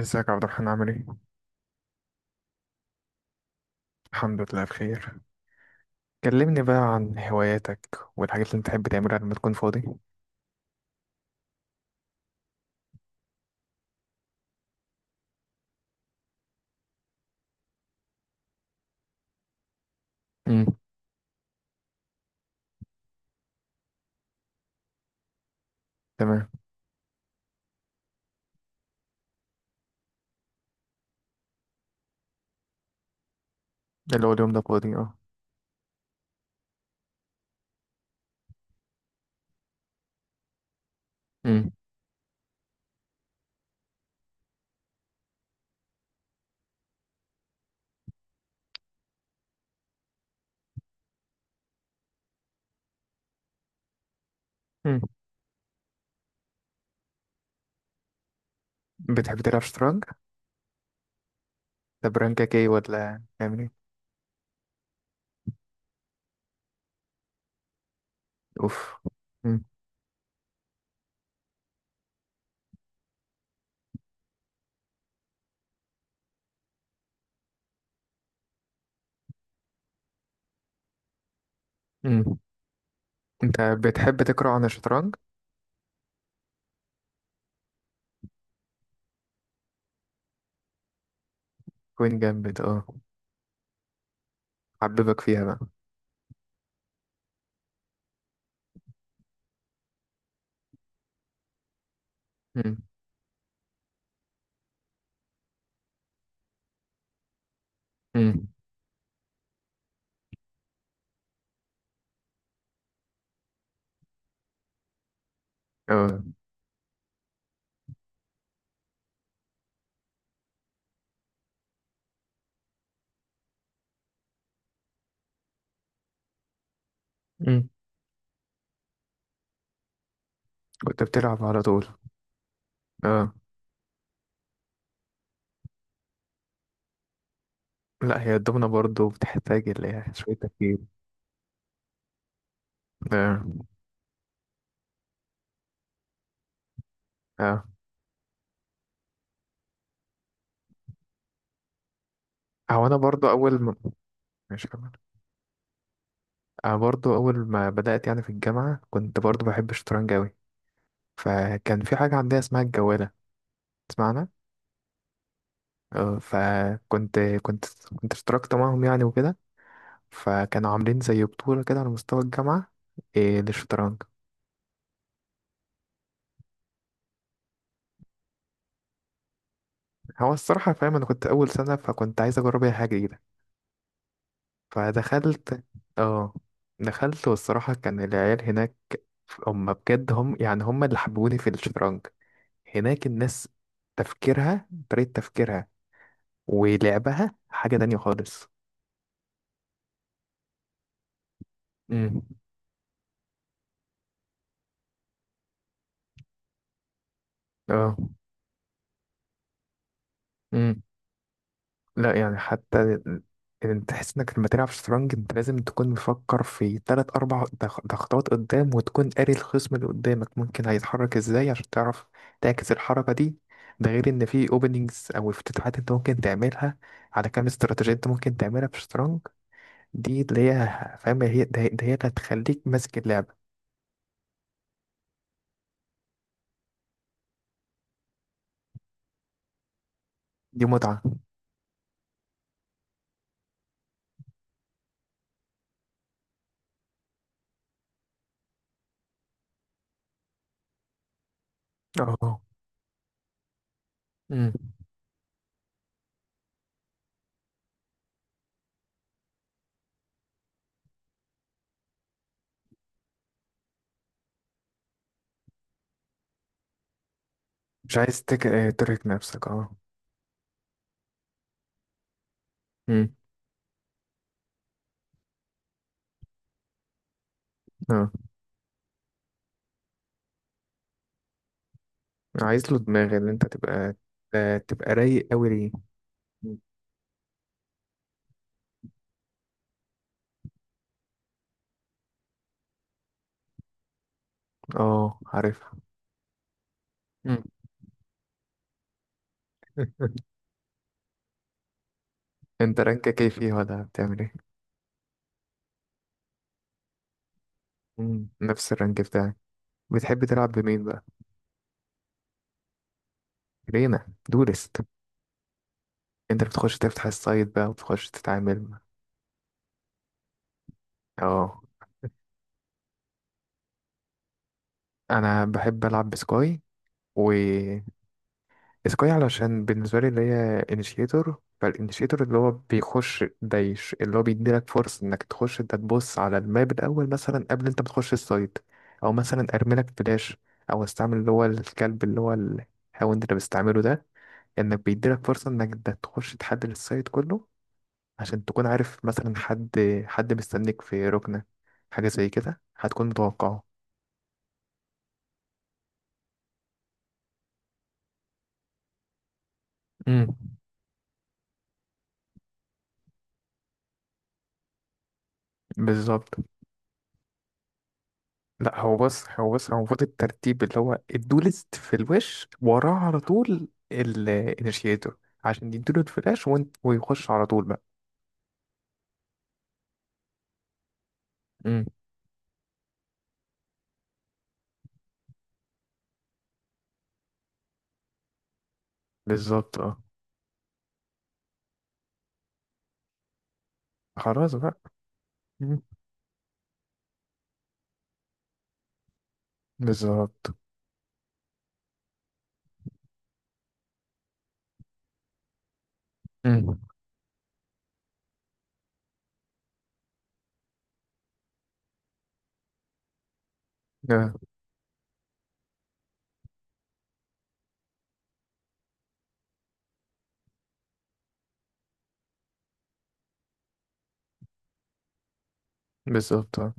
ازيك يا عبد الرحمن عامل ايه؟ الحمد لله بخير. كلمني بقى عن هواياتك والحاجات اللي انت بتحب تعملها لما تكون فاضي. امم. تمام. ايه اللي هو اليوم ده فاضي اه. امم. امم. بتحب تلعب شطرنج؟ طب رانكك ايه ولا تعمل ايه؟ اوف. امم. امم. انت بتحب تقرا عن الشطرنج؟ كوين جامد اه. حببك فيها بقى. امم. امم. اه. امم. كنت بتلعب على طول. اه. لا هي الدومنة برضه بتحتاج اللي هي شوية تفكير. اه. اه. هو انا برضه اول ما ماشي كمل. أنا برضو أول ما بدأت يعني في الجامعة كنت برضو بحب الشطرنج أوي. فكان في حاجة عندنا اسمها الجوالة تسمعنا. فكنت كنت اشتركت معاهم يعني وكده. فكانوا عاملين زي بطولة كده على مستوى الجامعة، للشطرنج. هو الصراحة فاهم أنا كنت أول سنة فكنت عايز أجرب أي حاجة جديدة. فدخلت. اه. دخلت، والصراحة كان العيال هناك هم بجد، هم يعني هم اللي حببوني في الشطرنج. هناك الناس تفكيرها، طريقة تفكيرها ولعبها حاجة تانية خالص. امم. اه. امم. لا يعني حتى انت تحس انك لما تلعب شطرنج انت لازم تكون مفكر في تلات اربع تخطوات قدام، وتكون قاري الخصم اللي قدامك ممكن هيتحرك ازاي عشان تعرف تعكس الحركة دي. ده غير ان في اوبننجز او افتتاحات انت ممكن تعملها، على كام استراتيجية انت ممكن تعملها في الشطرنج. دي اللي هي فاهم، هي اللي هتخليك ماسك اللعبة. دي متعة. اه. امم. مش عايز تك... آه، ترهق نفسك اه. امم. اه. عايز له دماغ اللي انت تبقى. تبقى رايق قوي ليه. مم. اه عارفها. مم. انت رانكك ايه فيه ولا بتعمل ايه؟ مم. نفس الرانك بتاعي. بتحب تلعب بمين بقى؟ رينا دولست. انت بتخش تفتح السايت بقى وتخش تتعامل. اه انا بحب العب بسكاي و سكاي، علشان بالنسبة لي اللي هي انيشيتور. فالانيشيتور اللي هو بيخش ده اللي هو بيديلك فرصة انك تخش، انت تبص على الماب الأول مثلا قبل انت بتخش السايت، أو مثلا أرميلك فلاش، أو استعمل اللي هو الكلب اللي هو الهاوند اللي بستعمله ده. انك بيديلك فرصة انك ده تخش تحدد السايت كله، عشان تكون عارف مثلا حد، حد مستنيك في ركنة، حاجة زي كده هتكون متوقعه. امم. بالظبط. لا هو بص، هو المفروض الترتيب اللي هو الدولست في الوش، وراه على طول الانيشيتور عشان يديله الفلاش، وانت ويخش على طول بقى. امم. بالظبط اه. خلاص بقى. مم. بالظبط. امم. آه، بالظبط آه.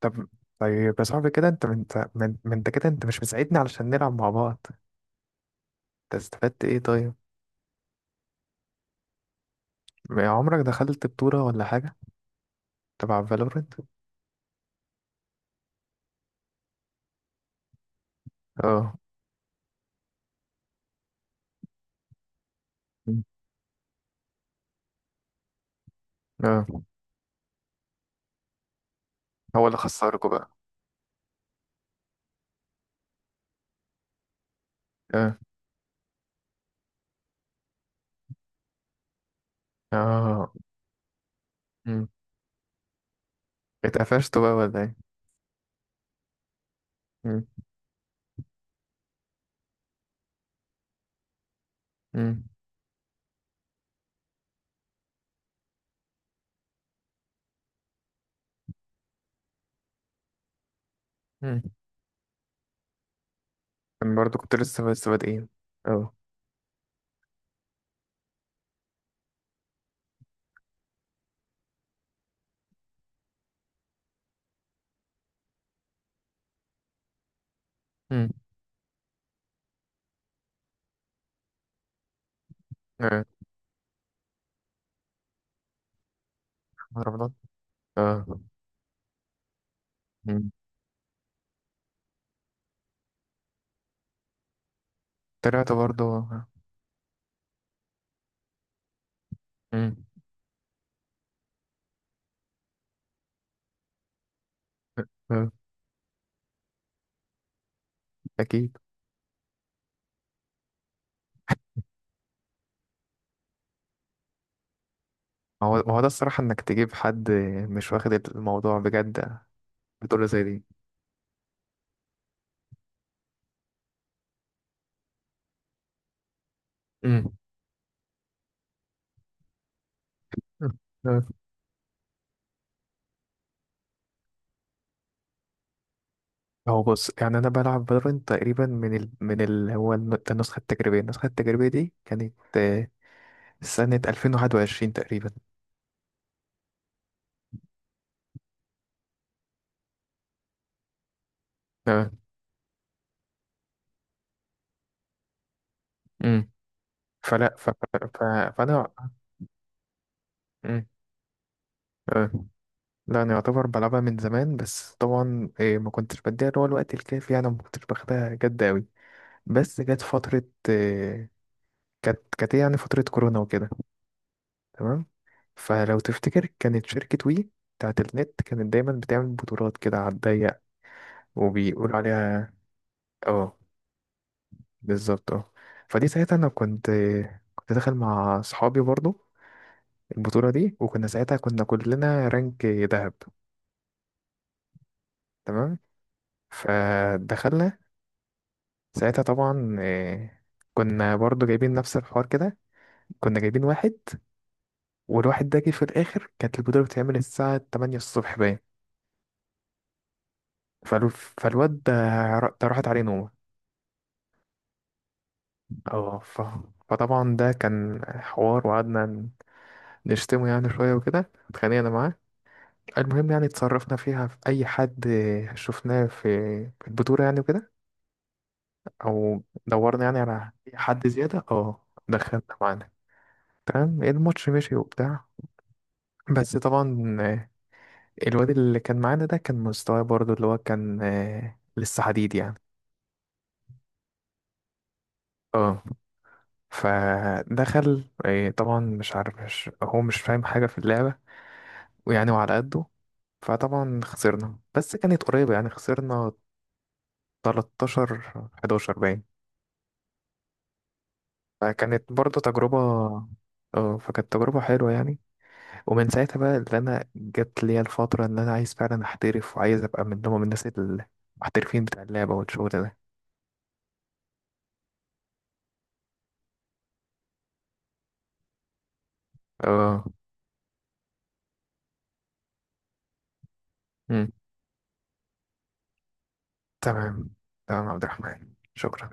طب طيب يا صاحبي كده، انت ما انت كده انت مش مساعدني علشان نلعب مع بعض. انت استفدت ايه طيب؟ ما عمرك دخلت بطولة ولا حاجة تبع فالورنت؟ اه. مم. اه. هو اللي خسركوا بقى. اه. اه. مم. اتقفشتوا بقى ولا ايه؟ مم. مم. مم. انا برضو كنت لسه لسه بادئين. اه. مم. اه. رمضان. اه. مم. طلعت برضو. مم. اه. اكيد. ما هو ده الصراحة انك تجيب حد مش واخد الموضوع بجد، بطولة زي دي. مم. اه. هو بص يعني انا بلعب فالورنت تقريبا من النسخة التجريبية، النسخة التجريبية دي كانت سنة 2021 تقريبا. اه. مم. فلا ف... ف... ف... فانا. مم. آه. لا انا يعتبر بلعبها من زمان، بس طبعا إيه ما كنتش بديها اللي هو الوقت الكافي، يعني ما كنتش باخدها جد قوي. بس جت فترة إيه، كانت إيه يعني فترة كورونا وكده. تمام. فلو تفتكر كانت شركة وي بتاعت النت كانت دايما بتعمل بطولات كده على الضيق، وبيقول عليها. اه. بالظبط اه. فدي ساعتها انا كنت، كنت داخل مع صحابي برضو البطولة دي، وكنا ساعتها كنا كلنا رانك ذهب. تمام. فدخلنا ساعتها طبعا، كنا برضو جايبين نفس الحوار كده، كنا جايبين واحد، والواحد ده جه في الآخر. كانت البطولة بتتعمل الساعة 8 الصبح باين. فالو- فالواد ده، ده راحت عليه نومة. اه ف... فطبعا ده كان حوار، وقعدنا نشتمه يعني شوية وكده اتخانقنا معاه. المهم يعني اتصرفنا فيها، في أي حد شفناه في البطولة يعني وكده، أو دورنا يعني على أي حد زيادة اه دخلنا معانا. تمام الماتش مشي وبتاع. بس طبعا الواد اللي كان معانا ده كان مستواه برضو اللي هو كان لسه حديد يعني. اه. فدخل، طبعا مش عارف، مش فاهم حاجة في اللعبة، ويعني وعلى قده. فطبعا خسرنا، بس كانت قريبة يعني، خسرنا 13-11 باين. فكانت برضو تجربة، اه فكانت تجربة حلوة يعني. ومن ساعتها بقى اللي أنا جت ليا الفترة إن أنا عايز فعلا أحترف، وعايز أبقى من ضمن الناس المحترفين بتاع اللعبة والشغل ده. اه تمام. تمام يا عبد الرحمن شكرا.